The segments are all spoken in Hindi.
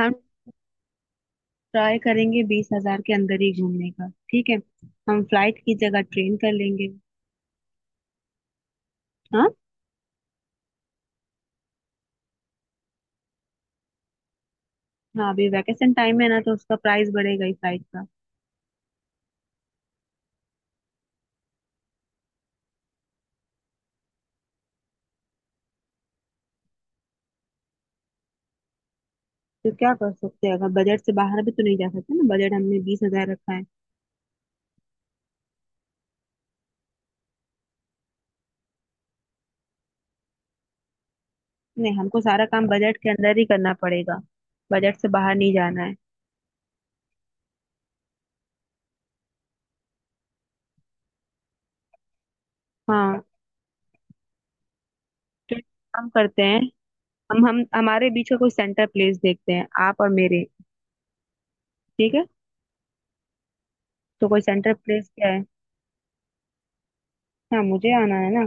हम ट्राई करेंगे 20,000 के अंदर ही घूमने का। ठीक है। हम फ्लाइट की जगह ट्रेन कर लेंगे। हाँ। हाँ, अभी वैकेशन टाइम है ना, तो उसका प्राइस बढ़ेगा ही फ्लाइट का। तो क्या कर सकते हैं, अगर बजट से बाहर भी तो नहीं जा सकते ना, बजट हमने 20,000 रखा है। नहीं, हमको सारा काम बजट के अंदर ही करना पड़ेगा। बजट से बाहर नहीं जाना है। हाँ। तो एक काम करते हैं, हम हमारे बीच का कोई सेंटर प्लेस देखते हैं, आप और मेरे। ठीक है। तो कोई सेंटर प्लेस क्या है? हाँ, मुझे आना है ना।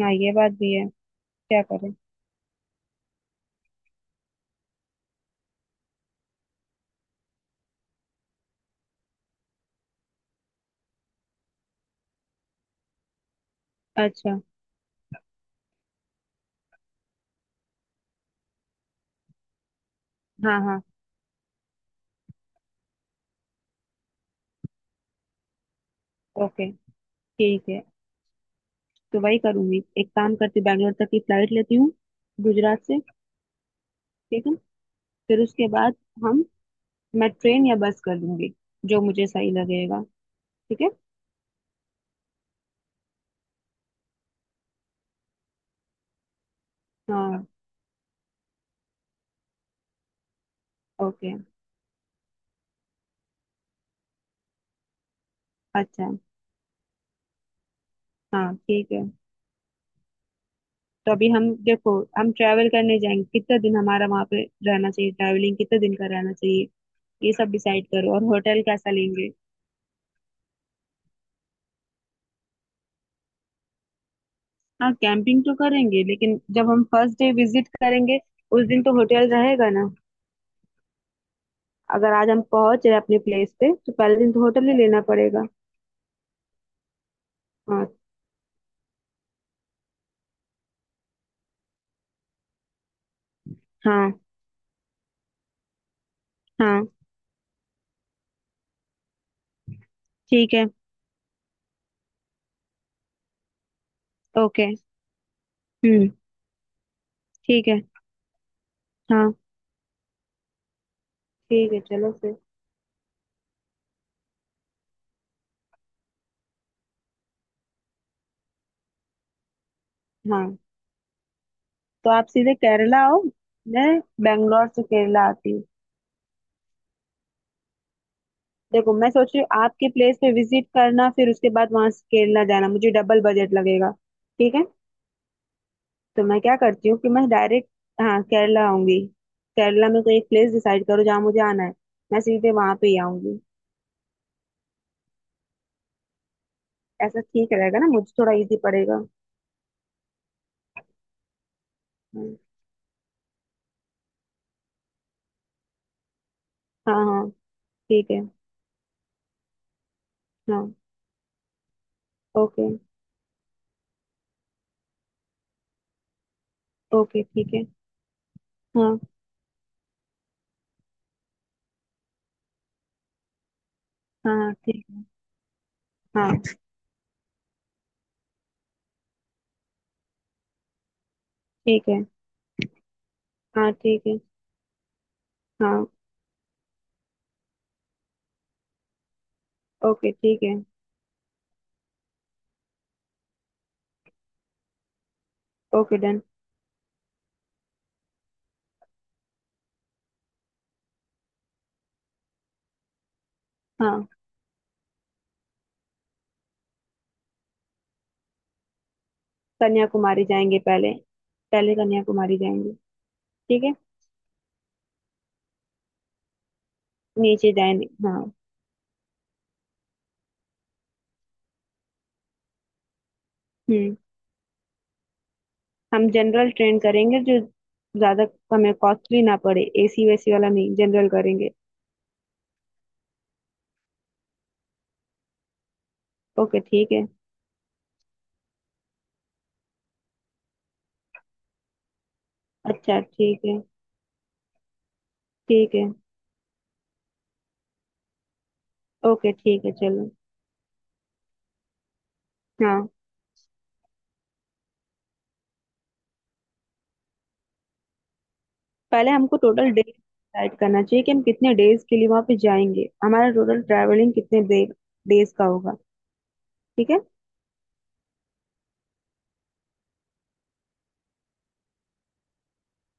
हाँ, ये बात भी है। क्या करें? अच्छा। हाँ हाँ। ओके ठीक है। तो वही करूंगी, एक काम करती हूँ, बैंगलोर तक की फ्लाइट लेती हूँ गुजरात से। ठीक है। फिर उसके बाद हम मैं ट्रेन या बस कर लूंगी, जो मुझे सही लगेगा। ठीक है। हाँ ओके। अच्छा। हाँ ठीक है। तो अभी हम देखो, हम ट्रैवल करने जाएंगे, कितने दिन हमारा वहाँ पे रहना चाहिए, ट्रैवलिंग कितने दिन का रहना चाहिए, ये सब डिसाइड करो, और होटल कैसा लेंगे। हाँ, कैंपिंग तो करेंगे, लेकिन जब हम फर्स्ट डे विजिट करेंगे उस दिन तो होटल रहेगा ना। अगर आज हम पहुंच रहे अपने प्लेस पे, तो पहले दिन तो होटल ही लेना पड़ेगा। हाँ। हाँ हाँ। ठीक है। ओके। हम्म। ठीक है। हाँ ठीक है चलो फिर। हाँ। तो आप सीधे केरला आओ, मैं बैंगलोर से केरला आती हूँ। देखो, मैं सोच रही हूँ आपके प्लेस पे विजिट करना, फिर उसके बाद वहां से केरला जाना, मुझे डबल बजट लगेगा। ठीक है। तो मैं क्या करती हूँ कि मैं डायरेक्ट, हाँ, केरला आऊंगी। केरला में कोई एक प्लेस डिसाइड करो जहाँ मुझे आना है, मैं सीधे वहां पे ही आऊंगी। ऐसा ठीक रहेगा ना, मुझे थोड़ा इजी पड़ेगा। हाँ हाँ। हाँ, ठीक है। हाँ। ओके। ओके ठीक है। हाँ हाँ हाँ, ठीक। हाँ ठीक है। हाँ ठीक है। हाँ। ओके ठीक है। Okay done. हाँ, कन्याकुमारी जाएंगे पहले। पहले कन्याकुमारी जाएंगे। ठीक है। नीचे जाएंगे हाँ। हम्म। हम जनरल ट्रेन करेंगे, जो ज्यादा, हमें कॉस्टली ना पड़े, एसी वैसी वाला नहीं, जनरल करेंगे। ओके ठीक है। अच्छा ठीक है। ठीक है। ओके ठीक है चलो। हाँ। पहले हमको टोटल डेज डिसाइड करना चाहिए कि हम कितने डेज के लिए वहां पे जाएंगे, हमारा टोटल ट्रैवलिंग कितने डे डेज का होगा। ठीक है।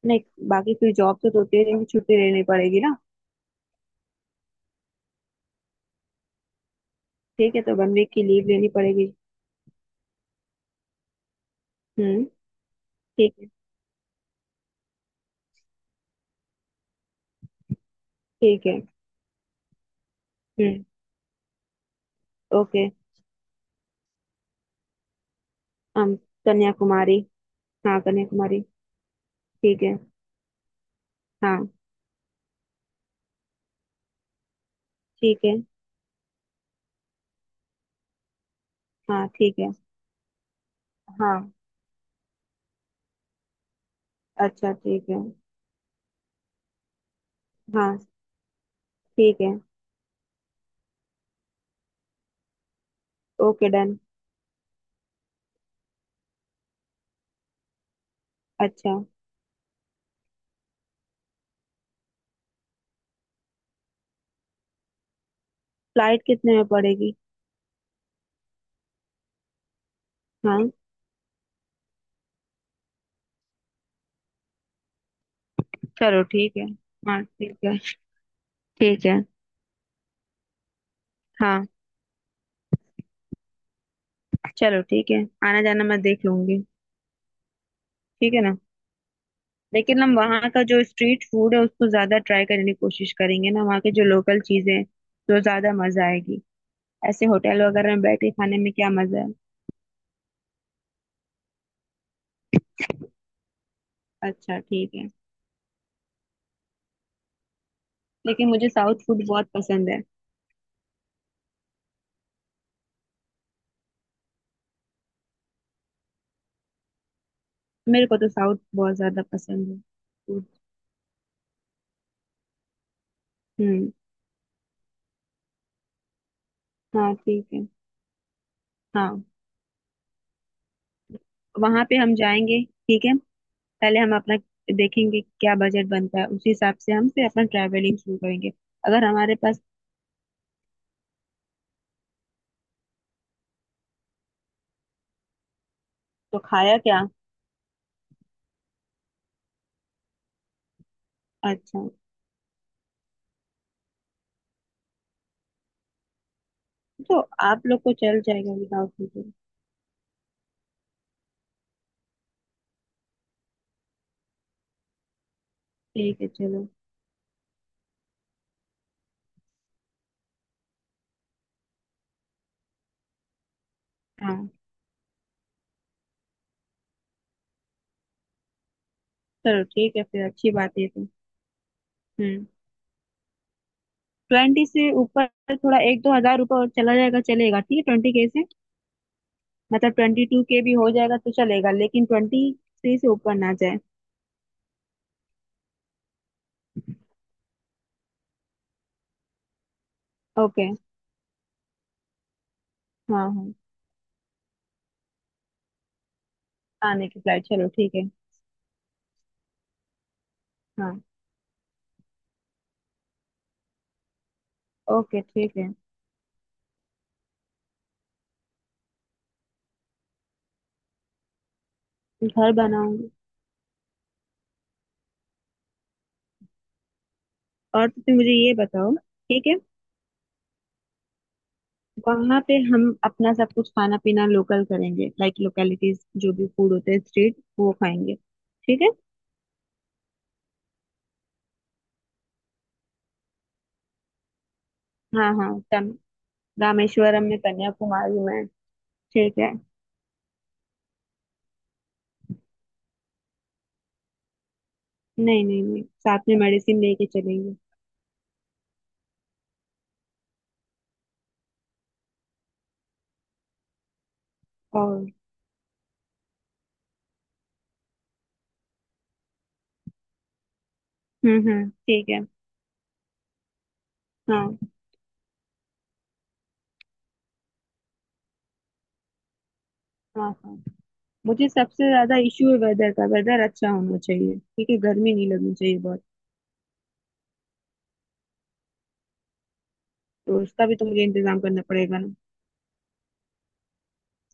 नहीं। बाकी फिर जॉब से तो होते रहेंगे, छुट्टी लेनी पड़ेगी ना। ठीक है, तो 1 वीक की लीव लेनी पड़ेगी। हम्म। ठीक है। ठीक है। हम्म। ओके। हम। कन्याकुमारी। हाँ, कन्याकुमारी। ठीक है। हाँ ठीक है। हाँ ठीक है। हाँ। अच्छा ठीक है। हाँ ठीक है। Okay done. अच्छा। फ्लाइट कितने में पड़ेगी? हाँ, चलो ठीक है। हाँ ठीक है। ठीक है। हाँ। चलो ठीक है, आना जाना मैं देख लूंगी। ठीक है ना। लेकिन हम वहाँ का जो स्ट्रीट फूड है उसको ज्यादा ट्राई करने की कोशिश करेंगे ना, वहाँ के जो लोकल चीजें हैं, तो ज्यादा मजा आएगी। ऐसे होटल वगैरह में बैठे खाने में क्या मजा है। अच्छा ठीक है। लेकिन मुझे साउथ फूड बहुत पसंद है। मेरे को तो साउथ बहुत ज्यादा पसंद है, फूड। हम्म। हाँ ठीक है। हाँ। वहाँ पे हम जाएंगे। ठीक है। पहले हम अपना देखेंगे क्या बजट बनता है, उसी हिसाब से हम फिर अपना ट्रैवलिंग शुरू करेंगे। अगर हमारे पास। तो खाया क्या? अच्छा। तो आप लोग को चल जाएगा विदाउट वीजा। ठीक है चलो। हाँ। चलो ठीक है फिर, अच्छी बात है तो। हम्म। ट्वेंटी से ऊपर थोड़ा एक दो हजार रुपये और चला जाएगा, चलेगा, ठीक है। 20 के से मतलब 22 के भी हो जाएगा तो चलेगा, लेकिन 23 से ऊपर ना जाए। ओके। हाँ हाँ। आने की फ्लाइट, चलो ठीक है। हाँ। ओके ठीक है। घर बनाऊंगी। और तो तुम मुझे ये बताओ, ठीक है, वहां पे हम अपना सब कुछ खाना पीना लोकल करेंगे, लाइक लोकेलिटीज, जो भी फूड होते हैं स्ट्रीट, वो खाएंगे। ठीक है। हाँ हाँ, तम रामेश्वरम में, कन्याकुमारी में। ठीक है। नहीं नहीं नहीं, साथ में मेडिसिन लेके चलेंगे। और। हम्म, ठीक है। हाँ हाँ। हाँ, मुझे सबसे ज्यादा इश्यू है वेदर का, वेदर अच्छा होना चाहिए ठीक है, गर्मी नहीं लगनी चाहिए बहुत। तो उसका भी तो मुझे इंतजाम करना पड़ेगा ना।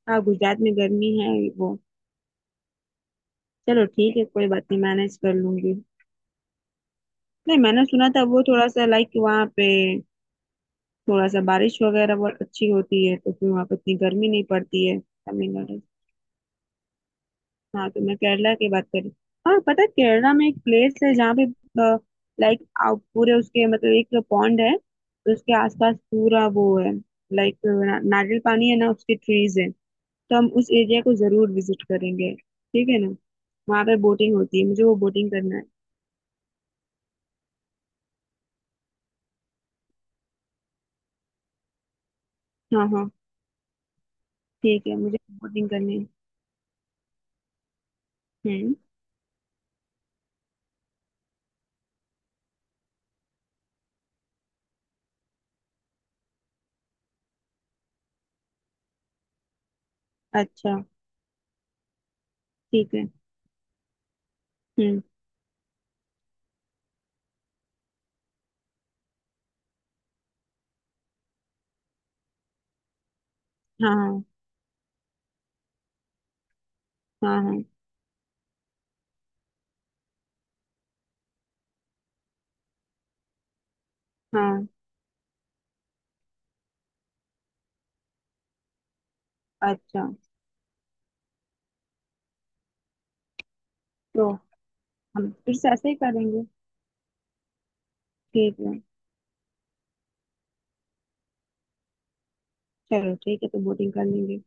हाँ, गुजरात में गर्मी है, वो। चलो ठीक है, कोई बात नहीं, मैनेज कर लूंगी। नहीं, मैंने सुना था वो थोड़ा सा, लाइक, वहाँ पे थोड़ा सा बारिश वगैरह बहुत अच्छी होती है, तो फिर वहाँ पे इतनी गर्मी नहीं पड़ती है, तमिलनाडु। हाँ, तो मैं केरला की बात करी। हाँ, पता है केरला में एक प्लेस है जहाँ पे, लाइक, पूरे उसके मतलब एक पॉन्ड है, तो उसके आसपास पूरा वो है, लाइक ना, नारियल पानी है ना, उसके ट्रीज है। तो हम उस एरिया को जरूर विजिट करेंगे, ठीक है ना। वहाँ पे बोटिंग होती है, मुझे वो बोटिंग करना है। हाँ हाँ। ठीक है, मुझे बोटिंग करनी है। हम्म। अच्छा ठीक है। हम्म। हाँ हाँ हाँ हाँ हाँ, अच्छा। तो हम फिर से ऐसे ही करेंगे। ठीक है चलो, ठीक है तो बोटिंग कर लेंगे।